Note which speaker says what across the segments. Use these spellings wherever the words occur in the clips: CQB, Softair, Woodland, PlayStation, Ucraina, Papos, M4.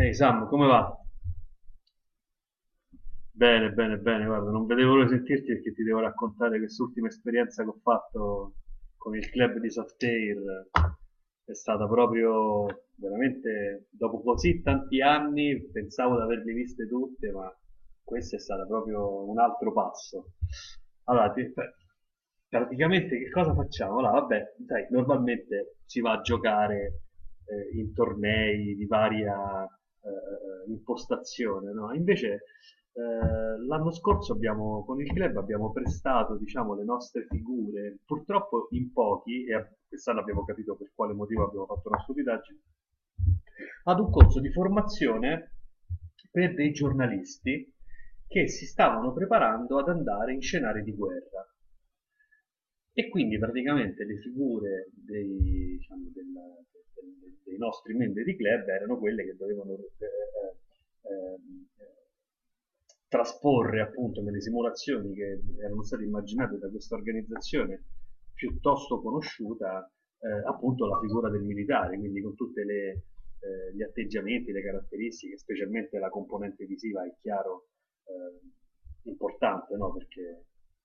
Speaker 1: Ehi Sam, come va? Bene, bene, bene, guarda, non vedevo l'ora di sentirti perché ti devo raccontare quest'ultima esperienza che ho fatto con il club di Softair. È stata proprio veramente dopo così tanti anni, pensavo di averle viste tutte, ma questo è stato proprio un altro passo. Allora, beh, praticamente che cosa facciamo? Allora, vabbè, sai, normalmente si va a giocare in tornei di varia impostazione, no? Invece l'anno scorso abbiamo, con il club abbiamo prestato diciamo, le nostre figure, purtroppo in pochi, e quest'anno abbiamo capito per quale motivo abbiamo fatto una stupidaggine, ad un corso di formazione per dei giornalisti che si stavano preparando ad andare in scenari di guerra. E quindi praticamente le figure dei, diciamo, dei nostri membri di club erano quelle che dovevano ehm, trasporre appunto nelle simulazioni che erano state immaginate da questa organizzazione piuttosto conosciuta, appunto la figura del militare, quindi con tutti gli atteggiamenti, le caratteristiche, specialmente la componente visiva è chiaro eh, importante, no? Perché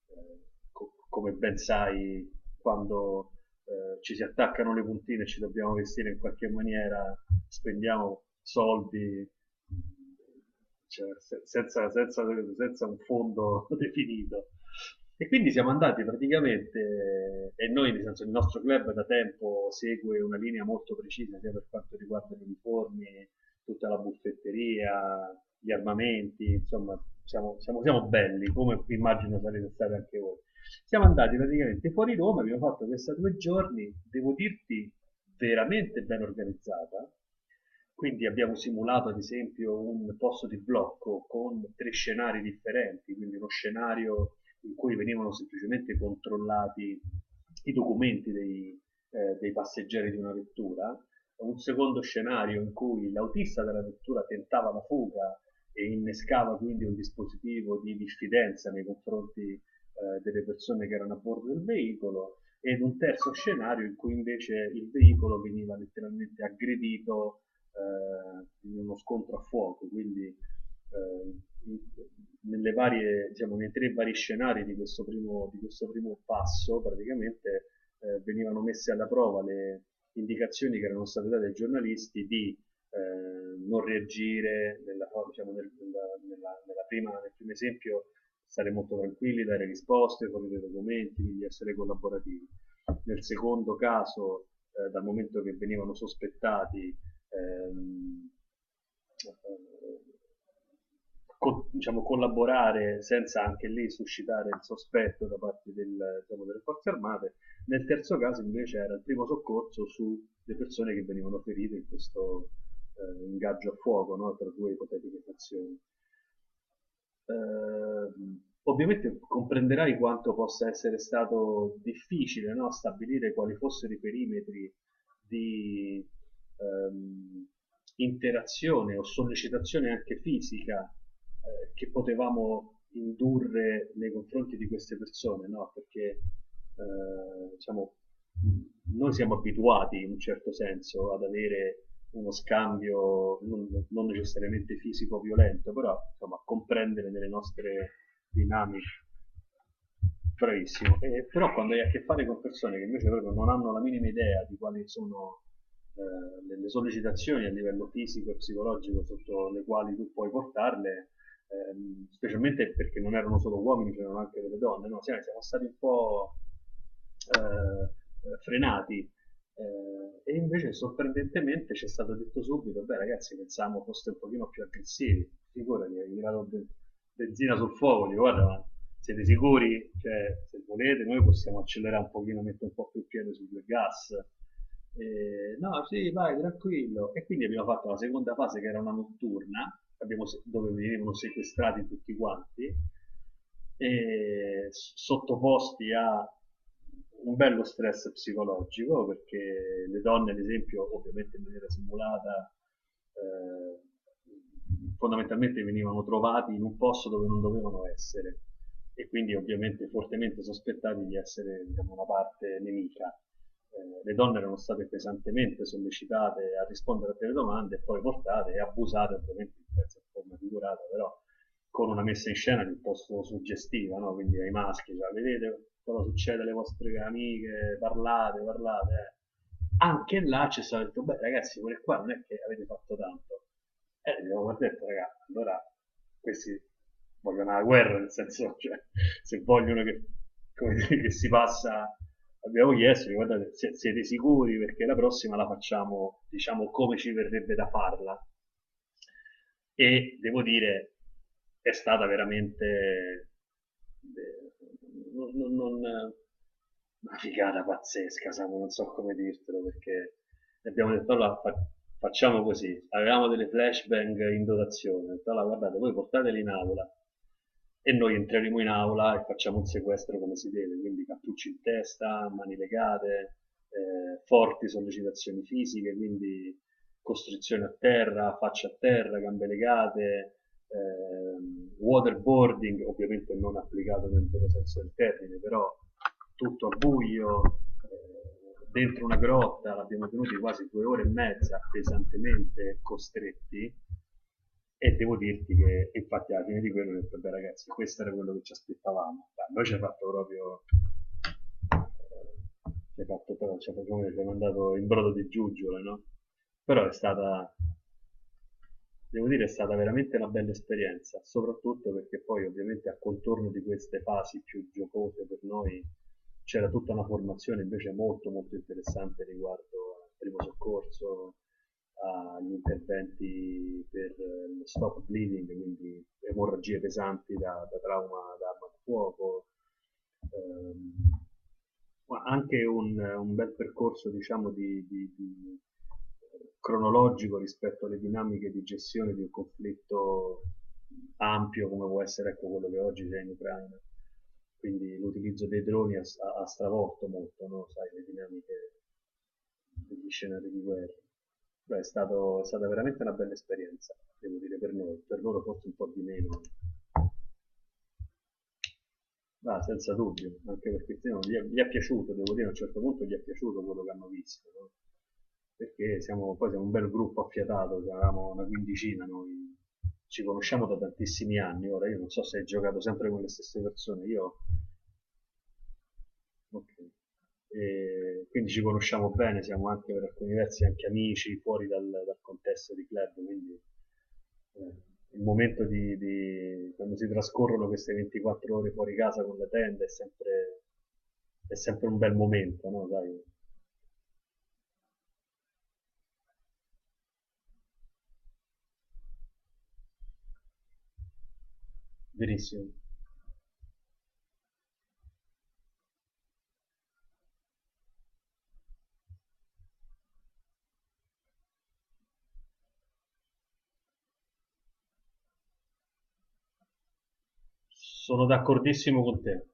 Speaker 1: eh, come ben sai, quando ci si attaccano le puntine e ci dobbiamo vestire in qualche maniera, spendiamo soldi, cioè, senza un fondo definito. E quindi siamo andati praticamente, e noi, nel senso, il nostro club da tempo segue una linea molto precisa sia per quanto riguarda gli uniformi, tutta la buffetteria, gli armamenti, insomma, siamo belli, come immagino sarete stati anche voi. Siamo andati praticamente fuori Roma, abbiamo fatto questa 2 giorni, devo dirti, veramente ben organizzata, quindi abbiamo simulato ad esempio un posto di blocco con tre scenari differenti, quindi uno scenario in cui venivano semplicemente controllati i documenti dei passeggeri di una vettura, un secondo scenario in cui l'autista della vettura tentava la fuga e innescava quindi un dispositivo di diffidenza nei confronti delle persone che erano a bordo del veicolo, ed un terzo scenario in cui invece il veicolo veniva letteralmente aggredito in uno scontro a fuoco, quindi in, nelle varie, diciamo, nei tre vari scenari di questo primo passo, praticamente venivano messe alla prova le indicazioni che erano state date ai giornalisti di non reagire, diciamo, nel, nella, nella, nella prima, nel primo esempio stare molto tranquilli, dare risposte, fornire documenti, quindi essere collaborativi. Nel secondo caso, dal momento che venivano sospettati, ehm, diciamo, collaborare senza anche lì suscitare il sospetto da parte diciamo, delle forze armate. Nel terzo caso invece era il primo soccorso sulle persone che venivano ferite in questo ingaggio a fuoco, no, tra due ipotetiche fazioni. Eh, Ovviamente comprenderai quanto possa essere stato difficile, no, stabilire quali fossero i perimetri di ehm, interazione o sollecitazione anche fisica che potevamo indurre nei confronti di queste persone, no? Perché diciamo, noi siamo abituati in un certo senso ad avere uno scambio non necessariamente fisico violento, però insomma, a comprendere nelle nostre dinamiche. Bravissimo. Però quando hai a che fare con persone che invece proprio non hanno la minima idea di quali sono le sollecitazioni a livello fisico e psicologico sotto le quali tu puoi portarle, specialmente perché non erano solo uomini, c'erano anche delle donne, no? Siamo stati un po' frenati, e invece sorprendentemente ci è stato detto subito: beh ragazzi, pensavamo foste un pochino più aggressivi. Figurati, hai tirato benzina sul fuoco, dico: guarda, ma siete sicuri? Cioè, se volete noi possiamo accelerare un pochino, mettere un po' più il piede sul gas. No, sì, vai, tranquillo. E quindi abbiamo fatto la seconda fase che era una notturna, abbiamo se- dove venivano sequestrati tutti quanti, e sottoposti a un bello stress psicologico perché le donne, ad esempio, ovviamente in maniera simulata, eh, fondamentalmente venivano trovati in un posto dove non dovevano essere e quindi ovviamente fortemente sospettati di essere, diciamo, una parte nemica. Le donne erano state pesantemente sollecitate a rispondere a delle domande e poi portate e abusate ovviamente in forma figurata, però con una messa in scena piuttosto suggestiva, no? Quindi ai maschi, cioè, vedete cosa succede alle vostre amiche, parlate, parlate. Anche là ci stato detto: beh ragazzi, quelle qua non è che avete fatto tanto. E abbiamo detto: ragazzi, allora questi vogliono la guerra, nel senso, cioè, se vogliono che, come dire, che si passa, abbiamo chiesto: guardate, siete sicuri, perché la prossima la facciamo, diciamo, come ci verrebbe da farla. E devo dire, è stata veramente... eh, non- non- non- una figata pazzesca, Samu, non so come dirtelo. Perché abbiamo detto: allora facciamo così, avevamo delle flashbang in dotazione, ho detto: allora guardate, voi portateli in aula e noi entreremo in aula e facciamo un sequestro come si deve, quindi cappucci in testa, mani legate, forti sollecitazioni fisiche, quindi costrizione a terra, faccia a terra, gambe legate, waterboarding, ovviamente non applicato nel vero senso del termine, però tutto a buio, dentro una grotta, l'abbiamo tenuti quasi 2 ore e mezza pesantemente costretti, e devo dirti che infatti alla fine di quello ho detto: beh ragazzi, questo era quello che ci aspettavamo. Beh, noi ci ha fatto proprio ci ha mandato in brodo di giuggiole, no? Però è stata... Devo dire è stata veramente una bella esperienza, soprattutto perché poi ovviamente a contorno di queste fasi più giocose per noi c'era tutta una formazione invece molto molto interessante riguardo al primo soccorso, agli interventi per lo stop bleeding, quindi emorragie pesanti da trauma da arma da fuoco, ehm, ma anche un bel percorso, diciamo, cronologico rispetto alle dinamiche di gestione di un conflitto ampio come può essere, ecco, quello che oggi c'è in Ucraina. Quindi l'utilizzo dei droni ha stravolto molto, no? Sai, le dinamiche degli scenari di guerra. Beh, è stata veramente una bella esperienza, devo dire, per noi, per loro forse un po' di meno, ma ah, senza dubbio, anche perché sì, no, gli è piaciuto, devo dire a un certo punto gli è piaciuto quello che hanno visto, no? Perché siamo, poi siamo un bel gruppo affiatato, eravamo una quindicina noi, ci conosciamo da tantissimi anni, ora io non so se hai giocato sempre con le stesse persone, io... Okay. E quindi ci conosciamo bene, siamo anche per alcuni versi anche amici fuori dal contesto di club, quindi eh, il momento di, quando si trascorrono queste 24 ore fuori casa con la tenda è sempre un bel momento, no? Dai, verissimo. Sono d'accordissimo con te.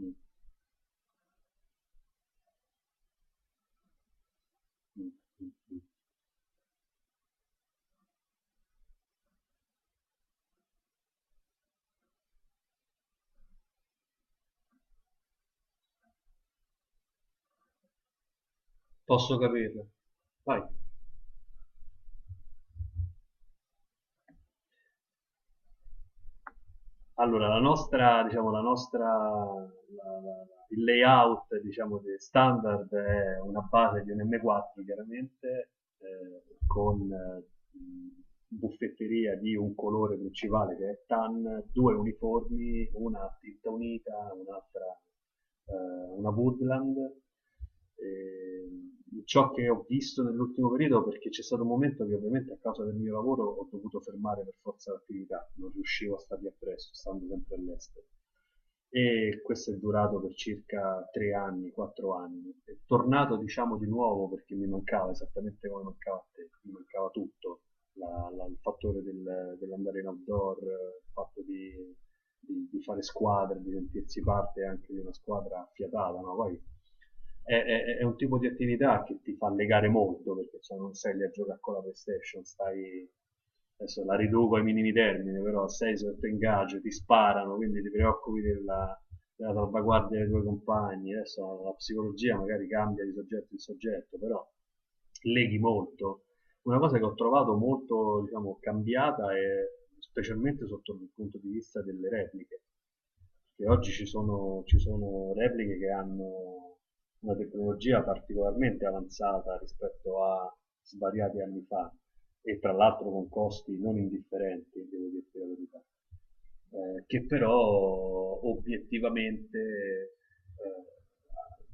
Speaker 1: Mm, mm, mm, mm. Posso capirlo. Vai. Allora, la nostra, diciamo, la nostra, la- la- il layout, diciamo, standard è una base di un M4, chiaramente, con buffetteria di un colore principale che è tan, due uniformi, una a tinta unita, un'altra una Woodland. E ciò che ho visto nell'ultimo periodo, perché c'è stato un momento che ovviamente a causa del mio lavoro ho dovuto fermare per forza l'attività, non riuscivo a stargli appresso, stando sempre all'estero. E questo è durato per circa 3 anni, 4 anni. È tornato, diciamo, di nuovo perché mi mancava esattamente come mancava a te, mi mancava tutto, il fattore dell'andare in outdoor, il fatto di di fare squadra, di sentirsi parte anche di una squadra affiatata, no? Poi è un tipo di attività che ti fa legare molto, perché cioè, non sei lì a giocare con la PlayStation, stai... Adesso la riduco ai minimi termini, però sei sotto ingaggio, ti sparano, quindi ti preoccupi della salvaguardia dei tuoi compagni. Adesso la psicologia magari cambia di soggetto in soggetto, però leghi molto. Una cosa che ho trovato molto, diciamo, cambiata è specialmente sotto il punto di vista delle repliche, perché oggi ci sono repliche che hanno una tecnologia particolarmente avanzata rispetto a svariati anni fa, e tra l'altro con costi non indifferenti, devo dire la verità, che però obiettivamente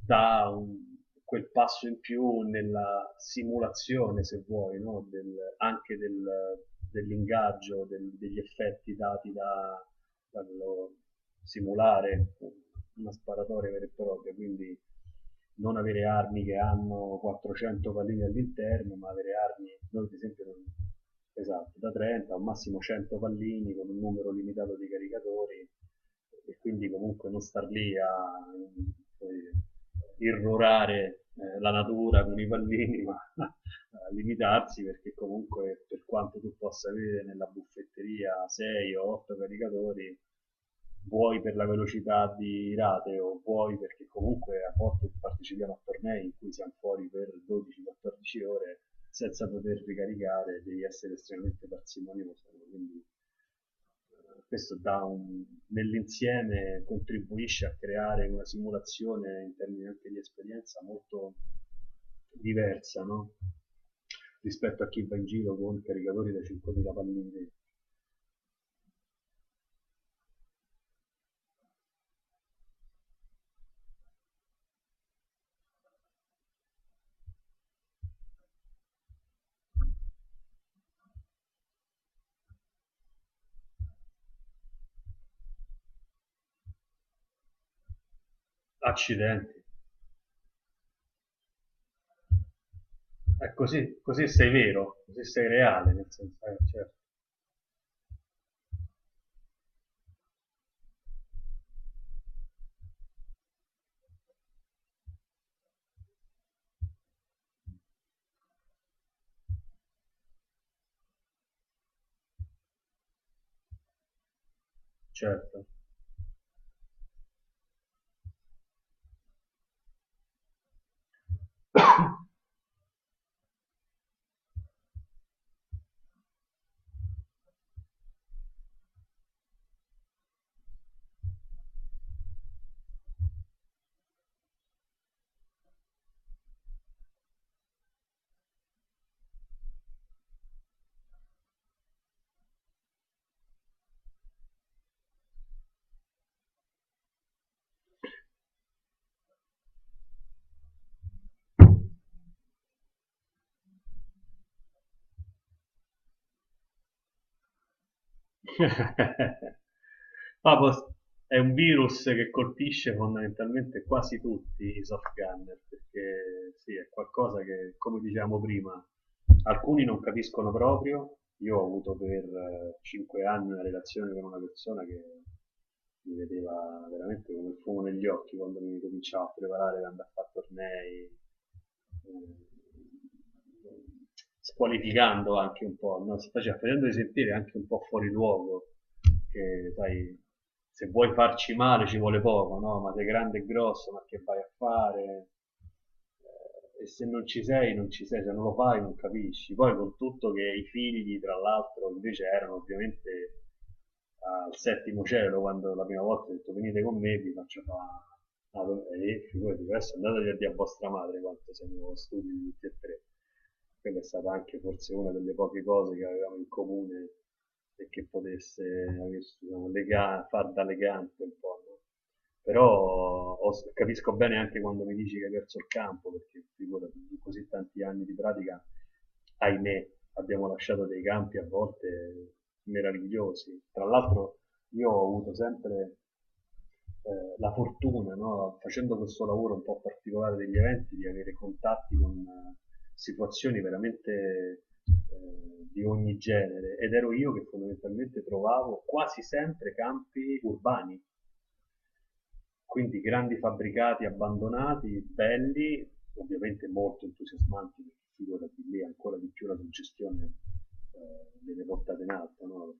Speaker 1: dà un- quel passo in più nella simulazione, se vuoi, no? Anche dell'ingaggio, degli effetti dati da, dallo simulare una sparatoria vera e propria, quindi non avere armi che hanno 400 pallini all'interno, ma avere armi, noi ad esempio, non, esatto, da 30 al massimo 100 pallini con un numero limitato di caricatori, e quindi comunque non star lì a, come dire, irrorare la natura con i pallini, ma a limitarsi, perché comunque per quanto tu possa avere nella buffetteria 6 o 8 caricatori, vuoi per la velocità di rate o vuoi perché comunque a volte partecipiamo a tornei in cui siamo fuori per 12-14 ore senza poter ricaricare, devi essere estremamente parsimonioso, quindi questo dà un... nell'insieme contribuisce a creare una simulazione in termini anche di esperienza molto diversa, no? Rispetto a chi va in giro con caricatori da 5.000 pallini. Accidenti. Così, così sei vero, così sei reale, nel senso, certo. Certo. Papos è un virus che colpisce fondamentalmente quasi tutti i soft gunner, perché sì, è qualcosa che, come dicevamo prima, alcuni non capiscono proprio. Io ho avuto per 5 anni una relazione con una persona che mi vedeva veramente come il fumo negli occhi quando mi cominciavo a preparare per andare a fare tornei. Eh, Squalificando anche un po', no? Si faceva, facendo sentire anche un po' fuori luogo, che sai, se vuoi farci male ci vuole poco, no? Ma sei grande e grosso, ma che vai a fare? E se non ci sei, non ci sei, se non lo fai non capisci. Poi con tutto che i figli, tra l'altro, invece erano ovviamente al settimo cielo quando la prima volta ho detto: venite con me vi faccio fare una domanda, e figurati adesso andatevi a dire a vostra madre quanto siamo stupidi tutti e tre. Quella è stata anche forse una delle poche cose che avevamo in comune e che potesse, diciamo, far da legante un po', no? Però capisco bene anche quando mi dici che hai perso il campo, perché figurati, in così tanti anni di pratica, ahimè, abbiamo lasciato dei campi a volte meravigliosi. Tra l'altro io ho avuto sempre la fortuna, no, facendo questo lavoro un po' particolare degli eventi, di avere contatti con situazioni veramente di ogni genere, ed ero io che fondamentalmente trovavo quasi sempre campi urbani, quindi grandi fabbricati abbandonati, belli, ovviamente molto entusiasmanti, perché figurati lì ancora di più la suggestione viene portata in alto, no?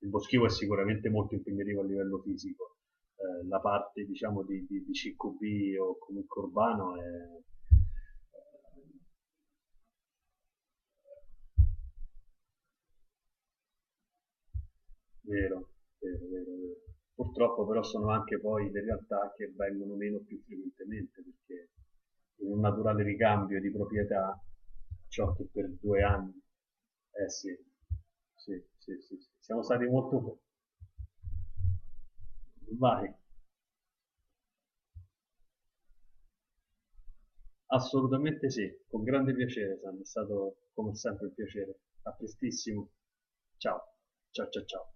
Speaker 1: Il boschivo è sicuramente molto impegnativo a livello fisico, la parte diciamo di CQB o comunque urbano è, eh... Vero, vero, vero, vero. Purtroppo però sono anche poi le realtà che vengono meno più frequentemente, perché in un naturale ricambio di proprietà ciò che per 2 anni, eh sì, sì, sì, sì, sì. Siamo stati molto... Vai, assolutamente sì, con grande piacere, Sam, è stato come sempre un piacere. A prestissimo. Ciao, ciao, ciao, ciao.